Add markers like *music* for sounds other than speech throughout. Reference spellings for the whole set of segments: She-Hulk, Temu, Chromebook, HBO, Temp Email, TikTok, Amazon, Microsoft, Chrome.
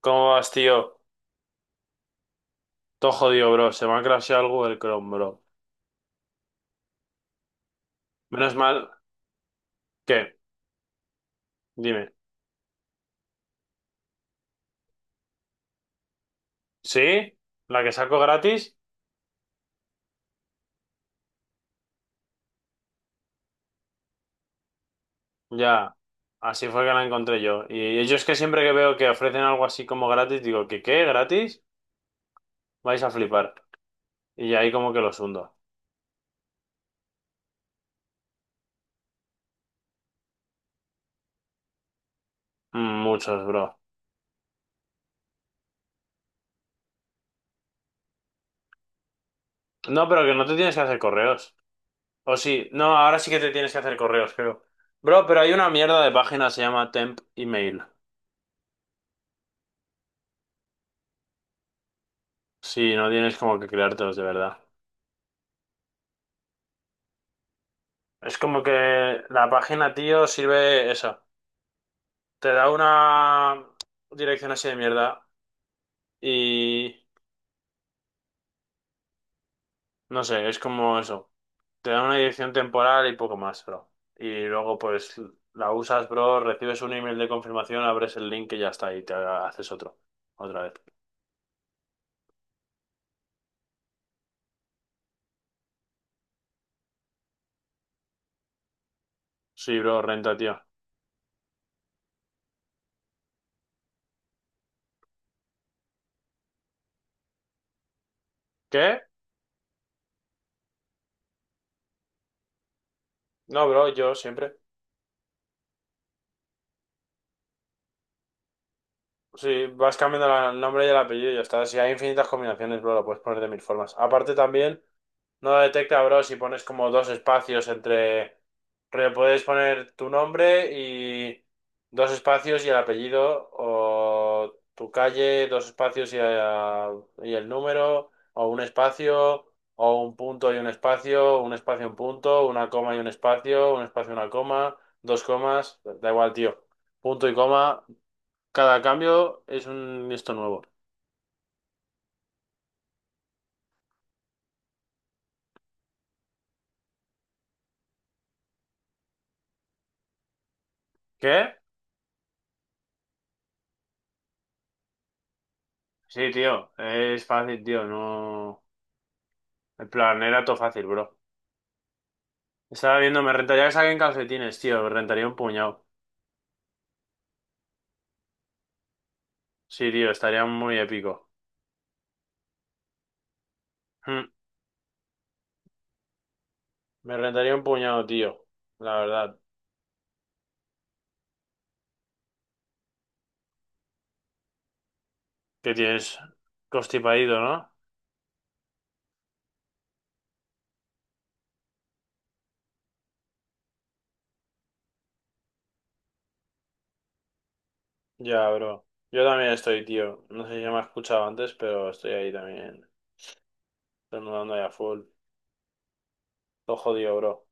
¿Cómo vas, tío? Todo jodido, bro. Se me ha crasheado algo del Chrome, bro. Menos mal. ¿Qué? Dime. ¿Sí? ¿La que saco gratis? Ya. Así fue que la encontré yo. Y yo es que siempre que veo que ofrecen algo así como gratis, digo, ¿qué qué? ¿Gratis? Vais a flipar. Y ahí como que los hundo. Muchos, bro. No, pero que no te tienes que hacer correos. O sí. No, ahora sí que te tienes que hacer correos, creo. Bro, pero hay una mierda de página, se llama Temp Email. Sí, no tienes como que creártelos de verdad. Es como que la página, tío, sirve eso. Te da una dirección así de mierda y no sé, es como eso. Te da una dirección temporal y poco más, bro. Y luego pues la usas, bro, recibes un email de confirmación, abres el link y ya está, y te haces otro. Otra vez. Sí, bro, renta, tío. ¿Qué? No, bro, yo siempre. Sí, vas cambiando el nombre y el apellido y ya está. Si hay infinitas combinaciones, bro, lo puedes poner de mil formas. Aparte también... No lo detecta, bro, si pones como dos espacios entre... Pero puedes poner tu nombre y dos espacios y el apellido, o tu calle, dos espacios y el número, o un espacio, o un punto y un espacio y un punto, una coma y un espacio y una coma, dos comas, da igual, tío. Punto y coma, cada cambio es un esto nuevo. ¿Qué? Sí, tío, es fácil, tío, no... En plan, era todo fácil, bro. Estaba viendo, me rentaría que saquen calcetines, tío. Me rentaría un puñado. Sí, tío, estaría muy épico. Hmm, Me rentaría un puñado, tío. La verdad. ¿Qué tienes? Constipadito, ¿no? Ya, bro. Yo también estoy, tío. No sé si me has escuchado antes, pero estoy ahí también. Estornudando ahí a full. Todo jodido, bro.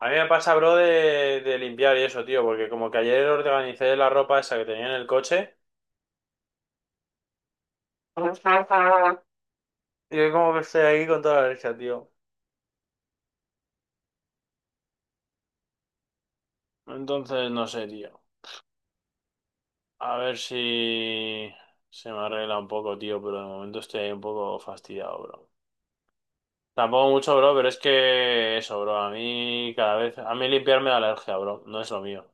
A mí me pasa, bro, de limpiar y eso, tío. Porque como que ayer organicé la ropa esa que tenía en el coche. *laughs* Y yo como que estoy ahí con toda la alergia, tío. Entonces, no sé, tío. A ver si se me arregla un poco, tío, pero de momento estoy ahí un poco fastidiado, bro. Tampoco mucho, bro, pero es que eso, bro, a mí cada vez, a mí limpiarme da alergia, bro, no es lo mío.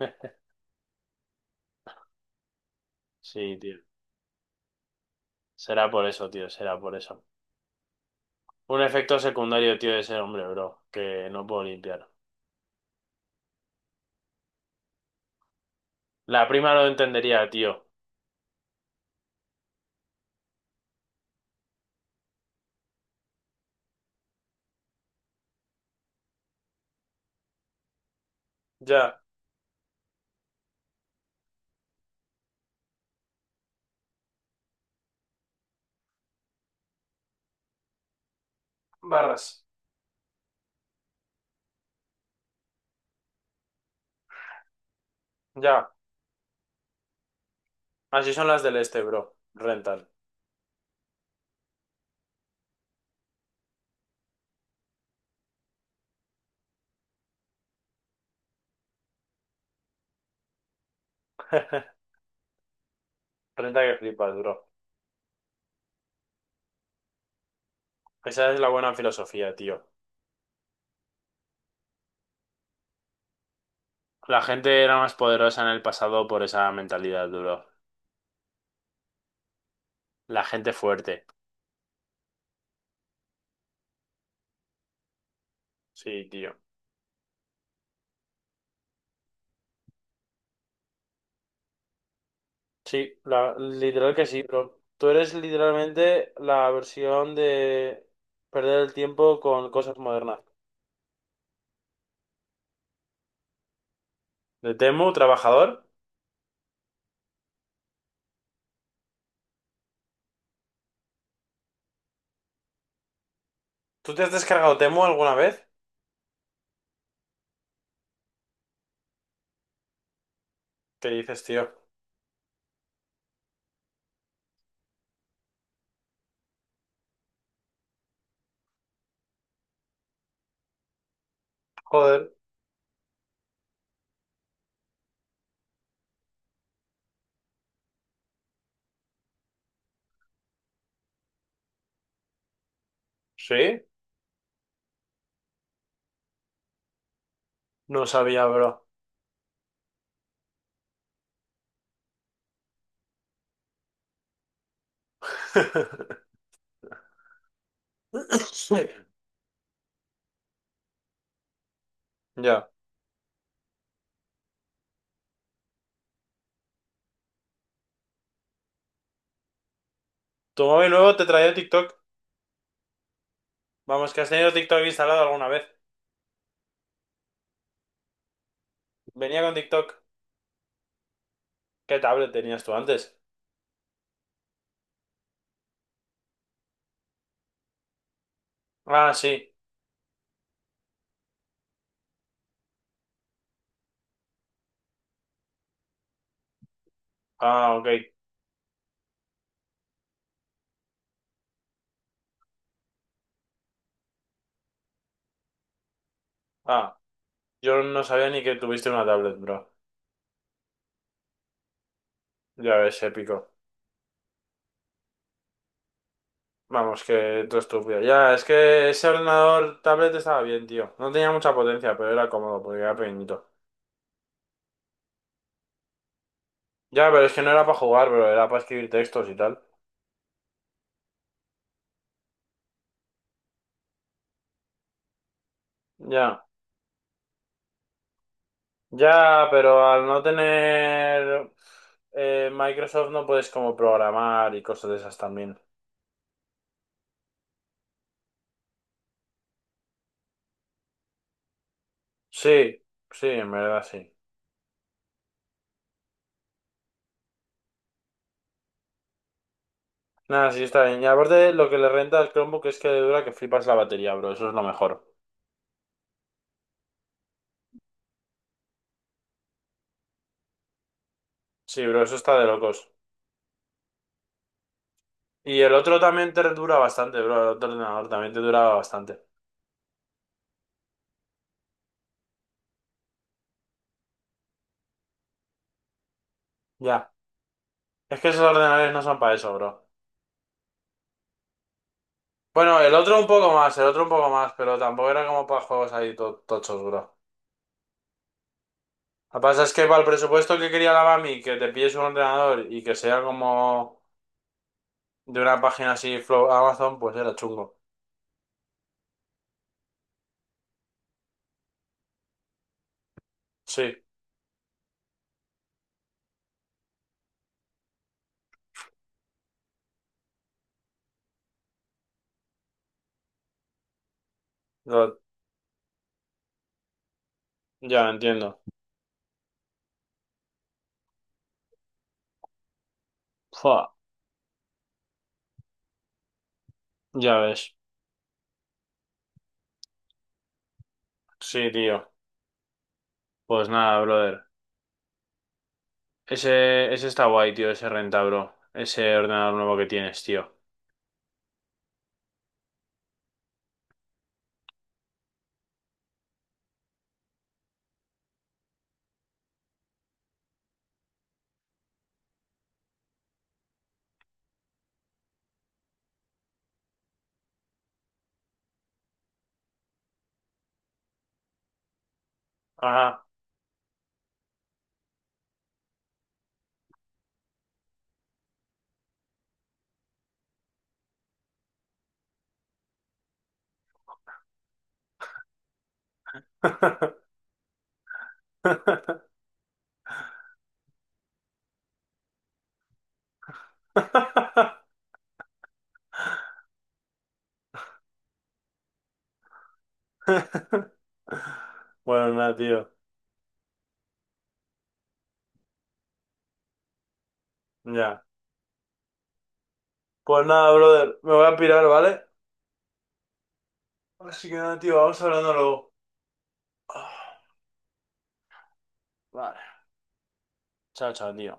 *laughs* Sí, tío. Será por eso, tío, será por eso. Un efecto secundario, tío, de ser hombre, bro, que no puedo limpiar. La prima lo entendería, tío. Ya, barras. Ya. Así son las del este, bro. Rentan. *laughs* Renta que flipas, bro. Esa es la buena filosofía, tío. La gente era más poderosa en el pasado por esa mentalidad, duro. La gente fuerte. Sí, tío. Sí, la, literal que sí, bro. Tú eres literalmente la versión de perder el tiempo con cosas modernas. De Temu, trabajador. ¿Tú te has descargado Temu alguna vez? ¿Qué dices, tío? Joder. ¿Sí? No sabía, bro. *laughs* Ya. Tu móvil nuevo te traía TikTok. Vamos, que has tenido TikTok instalado alguna vez. Venía con TikTok. ¿Qué tablet tenías tú antes? Ah, sí. Ah, ok. Ah, yo no sabía ni que tuviste una tablet, bro. Ya ves, épico. Vamos, que todo estúpido. Ya, es que ese ordenador tablet estaba bien, tío. No tenía mucha potencia, pero era cómodo porque era pequeñito. Ya, pero es que no era para jugar, bro. Era para escribir textos y tal. Ya. Ya, pero al no tener Microsoft no puedes como programar y cosas de esas también. Sí, sí, en verdad sí. Nada, sí, está bien. Y aparte, lo que le renta al Chromebook es que le dura que flipas la batería, bro. Eso es lo mejor. Sí, bro, eso está de locos. Y el otro también te dura bastante, bro. El otro ordenador también te duraba bastante. Ya. Es que esos ordenadores no son para eso, bro. Bueno, el otro un poco más, el otro un poco más, pero tampoco era como para juegos ahí tochos, bro. Lo que pasa es que para el presupuesto que quería la Bami, que te pilles un ordenador y que sea como de una página así, Flow Amazon, pues era chungo. Sí, lo- ya entiendo. Fua, ya ves. Sí, tío. Pues nada, brother. Ese está guay, tío, ese renta, bro. Ese ordenador nuevo que tienes, tío. Ajá. *laughs* Bueno, nada, tío. Ya. Pues nada, brother. Me voy a pirar, ¿vale? Así que nada, tío. Vamos hablando luego. Ah, vale. Chao, chao, tío.